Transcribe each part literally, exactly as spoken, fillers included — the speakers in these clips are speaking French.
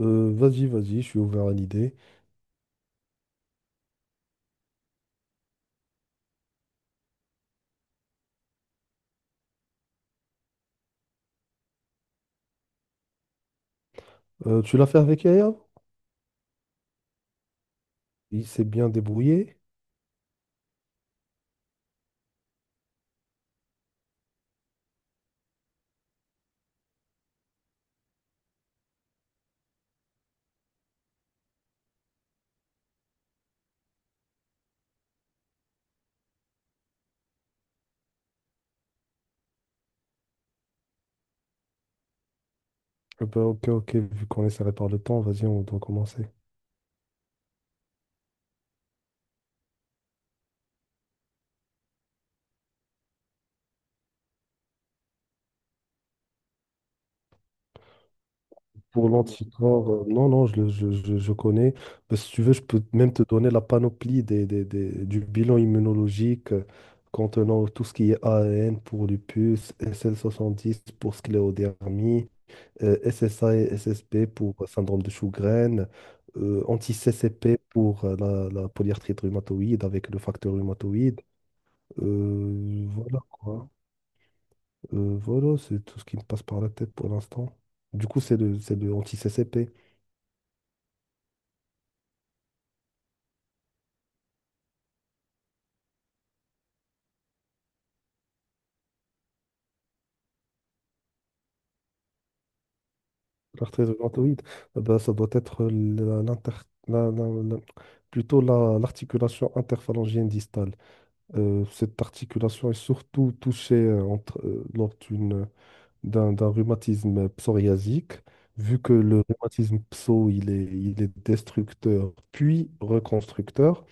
Euh, vas-y, vas-y, je suis ouvert à l'idée. Euh, tu l'as fait avec Yaya? Il s'est bien débrouillé. Eh ben, ok, ok, vu qu'on est serré par le temps, vas-y, on doit commencer. Pour l'anticorps, euh, non, non, je, le- je, je- je connais. Ben, si tu veux, je peux même te donner la panoplie des, des- des- du bilan immunologique euh, contenant tout ce qui est A N pour lupus, S L soixante-dix pour scléodermie, euh, S S A et S S P pour euh, syndrome de Sjögren, euh, anti-C C P pour euh, la, la polyarthrite rhumatoïde avec le facteur rhumatoïde. Euh, voilà quoi. Euh, voilà, c'est tout ce qui me passe par la tête pour l'instant. Du coup, c'est le, c'est le anti-C C P. L'arthrite rhumatoïde, eh ben, ça doit être la- l'inter- la- la- la- plutôt la- l'articulation interphalangienne distale. Euh, cette articulation est surtout touchée euh, entre, euh, lors d'une d'un d'un rhumatisme psoriasique, vu que le rhumatisme pso, il est, il est destructeur puis reconstructeur,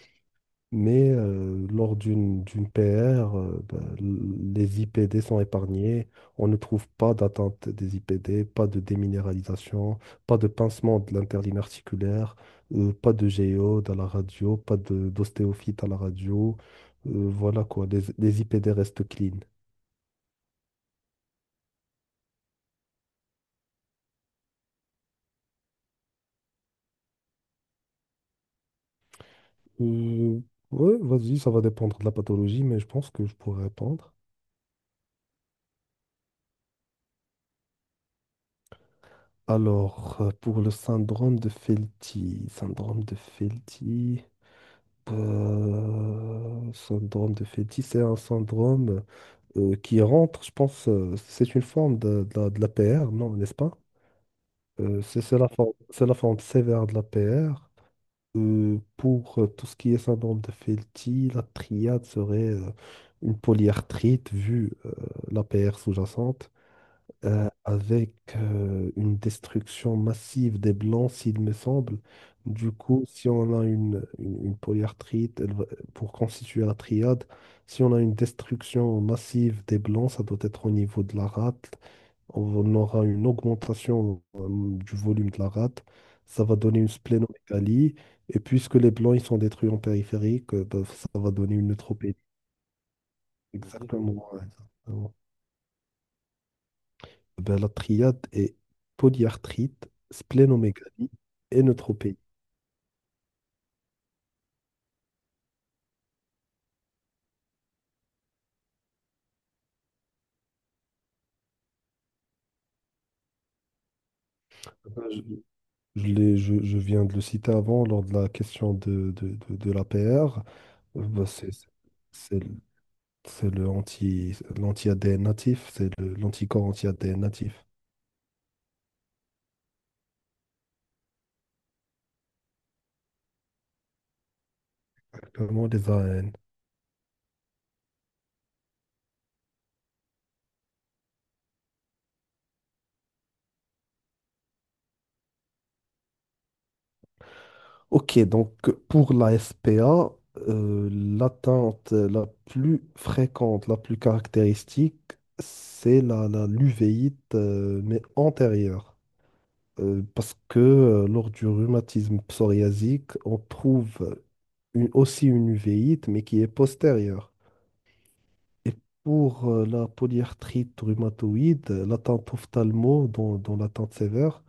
mais euh, lors d'une d'une P R, euh, ben, l- les I P D sont épargnés, on ne trouve pas d'atteinte des I P D, pas de déminéralisation, pas de pincement de l'interligne articulaire, euh, pas de géode à la radio, pas de d'ostéophyte à la radio. Euh, voilà quoi, les, les I P D restent clean. Euh, ouais, vas-y, ça va dépendre de la pathologie, mais je pense que je pourrais répondre. Alors, euh, pour le syndrome de Felty, syndrome de Felty, euh, syndrome de Felty, c'est un syndrome euh, qui rentre, je pense, euh, c'est une forme de, de la, de l'A P R, non, n'est-ce pas? Euh, c'est c'est la forme, c'est la forme sévère de l'A P R. Euh, pour euh, tout ce qui est syndrome de Felty, la triade serait euh, une polyarthrite, vu l'A P R sous-jacente, euh, avec euh, une destruction massive des blancs, s'il me semble. Du coup, si on a une, une, une polyarthrite, elle va- pour constituer la triade, si on a une destruction massive des blancs, ça doit être au niveau de la rate. On aura une augmentation euh, du volume de la rate. Ça va donner une splénomégalie. Et puisque les blancs ils sont détruits en périphérique, euh, bah, ça va donner une neutropénie. Exactement. Ouais, exactement. Ben, la triade est polyarthrite, splénomégalie et neutropénie. Ben, Je, je l'ai- je- je viens de le citer avant lors de la question de, de, de, de l'A P R. Euh, ben, c'est c'est- c'est le anti, l'anti-A D N natif, c'est le- l'anticorps anti-A D N natif. Exactement, les A N. Ok, donc pour la S P A, euh, l'atteinte la plus fréquente, la plus caractéristique, c'est la, la l'uvéite, euh, mais antérieure. Euh, parce que euh, lors du rhumatisme psoriasique, on trouve une- aussi une uvéite, mais qui est postérieure. Et pour euh, la polyarthrite rhumatoïde, euh, l'attente ophtalmo, dont, dont l'attente sévère,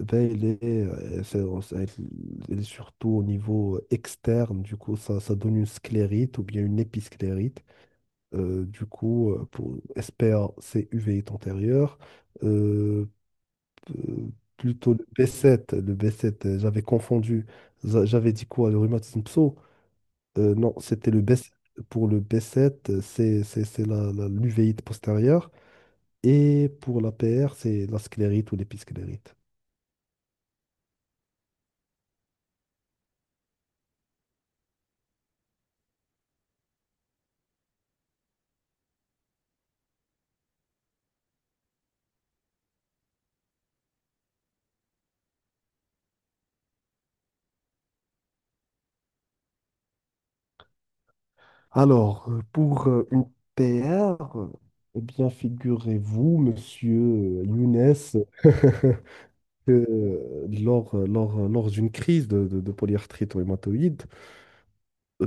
eh ben, elle est, euh, c'est- c'est- elle est surtout au niveau externe, du coup, ça, ça donne une sclérite ou bien une épisclérite. Euh, du coup, euh, pour S P A, c'est uvéite antérieure, euh, plutôt le b sept. Le b sept, euh, j'avais confondu. Za- J'avais dit quoi, le rhumatisme pso? Euh, non, c'était le B sept. Pour le b sept, euh, c'est c'est- c'est la, la- l'uvéite postérieure. Et pour la P R, c'est la sclérite ou l'épisclérite. Alors, euh, pour euh, une P R, euh, eh bien, figurez-vous, monsieur euh, Younes, que euh, lors, euh, lors, euh, lors d'une crise de, de, de polyarthrite rhumatoïde, euh,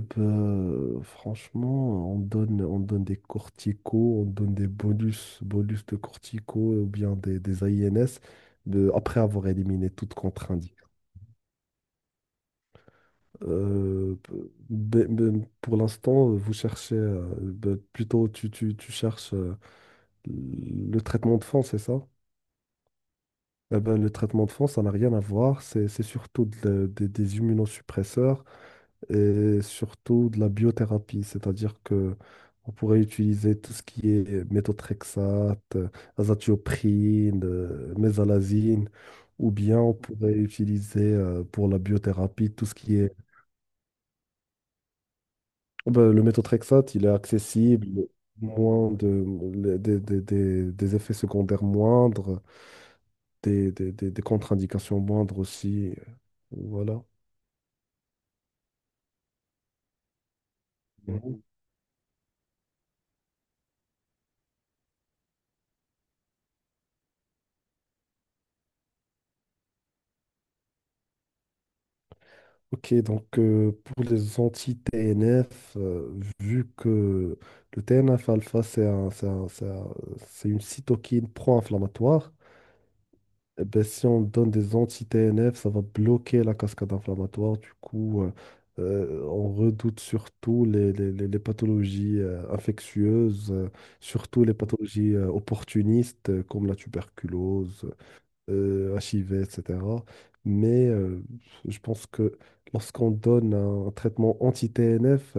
ben, franchement, on donne, on donne des corticos, on donne des bonus, bonus de corticos ou bien des, des I N S de- après avoir éliminé toute contre-indication. Euh, ben, ben, pour l'instant, vous cherchez, euh, ben, plutôt tu, tu, tu cherches euh, le traitement de fond, c'est ça? Eh ben, le traitement de fond, ça n'a rien à voir, c'est c'est surtout de- des des immunosuppresseurs et surtout de la biothérapie, c'est-à-dire que on pourrait utiliser tout ce qui est méthotrexate, euh, azathioprine, euh, mésalazine, ou bien on pourrait utiliser euh, pour la biothérapie tout ce qui est... Oh ben, le méthotrexate, il est accessible, moins de, le- des, des- des- des effets secondaires moindres, des, des- des- des contre-indications moindres aussi. euh, Voilà. Ok, donc euh, pour les anti-T N F, euh, vu que le T N F-alpha, c'est un- c'est un- c'est un- c'est une cytokine pro-inflammatoire, eh ben, si on donne des anti-T N F, ça va bloquer la cascade inflammatoire. Du coup, euh, euh, on redoute surtout les, les- les- les pathologies euh, infectieuses, euh, surtout les pathologies euh, opportunistes euh, comme la tuberculose, euh, archivés, et cétéra. Mais euh, je pense que lorsqu'on donne un traitement anti-T N F,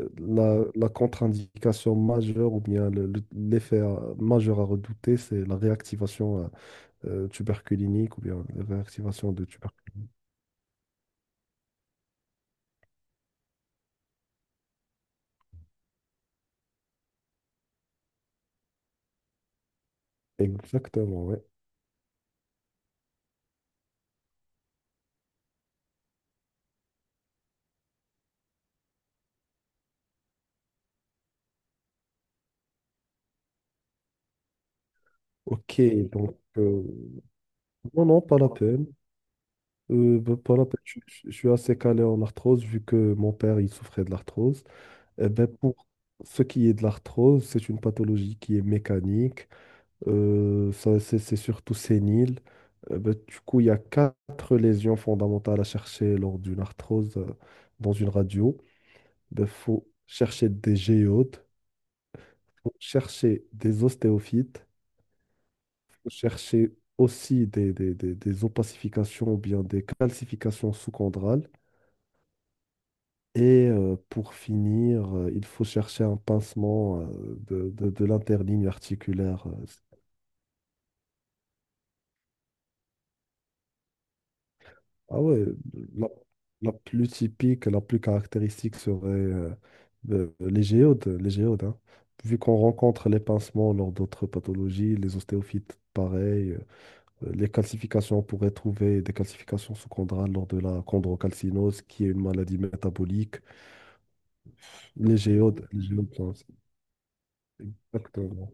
euh, la, la contre-indication majeure ou bien le- le- l'effet à- majeur à redouter, c'est la réactivation euh, euh, tuberculinique ou bien la réactivation de tuberculose. Exactement, ouais. Ok, donc euh, non, non, pas la peine. Euh, bah, pas la peine. Je, je- je suis assez calé en arthrose vu que mon père, il souffrait de l'arthrose. Eh ben, pour ce qui est de l'arthrose, c'est une pathologie qui est mécanique. Euh, ça, c'est c'est surtout sénile. Euh, ben, du coup, il y a quatre lésions fondamentales à chercher lors d'une arthrose euh, dans une radio. Il faut chercher des géodes, faut chercher des ostéophytes, faut chercher aussi des, des, des, des opacifications ou bien des calcifications sous-chondrales. Et euh, pour finir, euh, il faut chercher un pincement euh, de, de- de l'interligne articulaire. Euh. Ah ouais, la, la plus typique, la plus caractéristique serait euh, euh, les géodes, les géodes, hein. Vu qu'on rencontre les pincements lors d'autres pathologies, les ostéophytes, pareil, euh, les calcifications, on pourrait trouver des calcifications sous-chondrales lors de la chondrocalcinose, qui est une maladie métabolique. Les géodes, les géodes, hein, c'est exactement.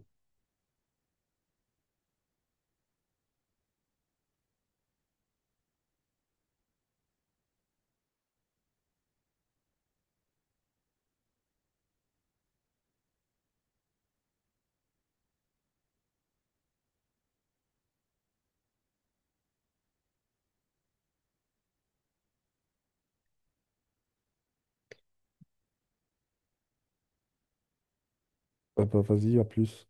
Ah bah, vas-y, à plus.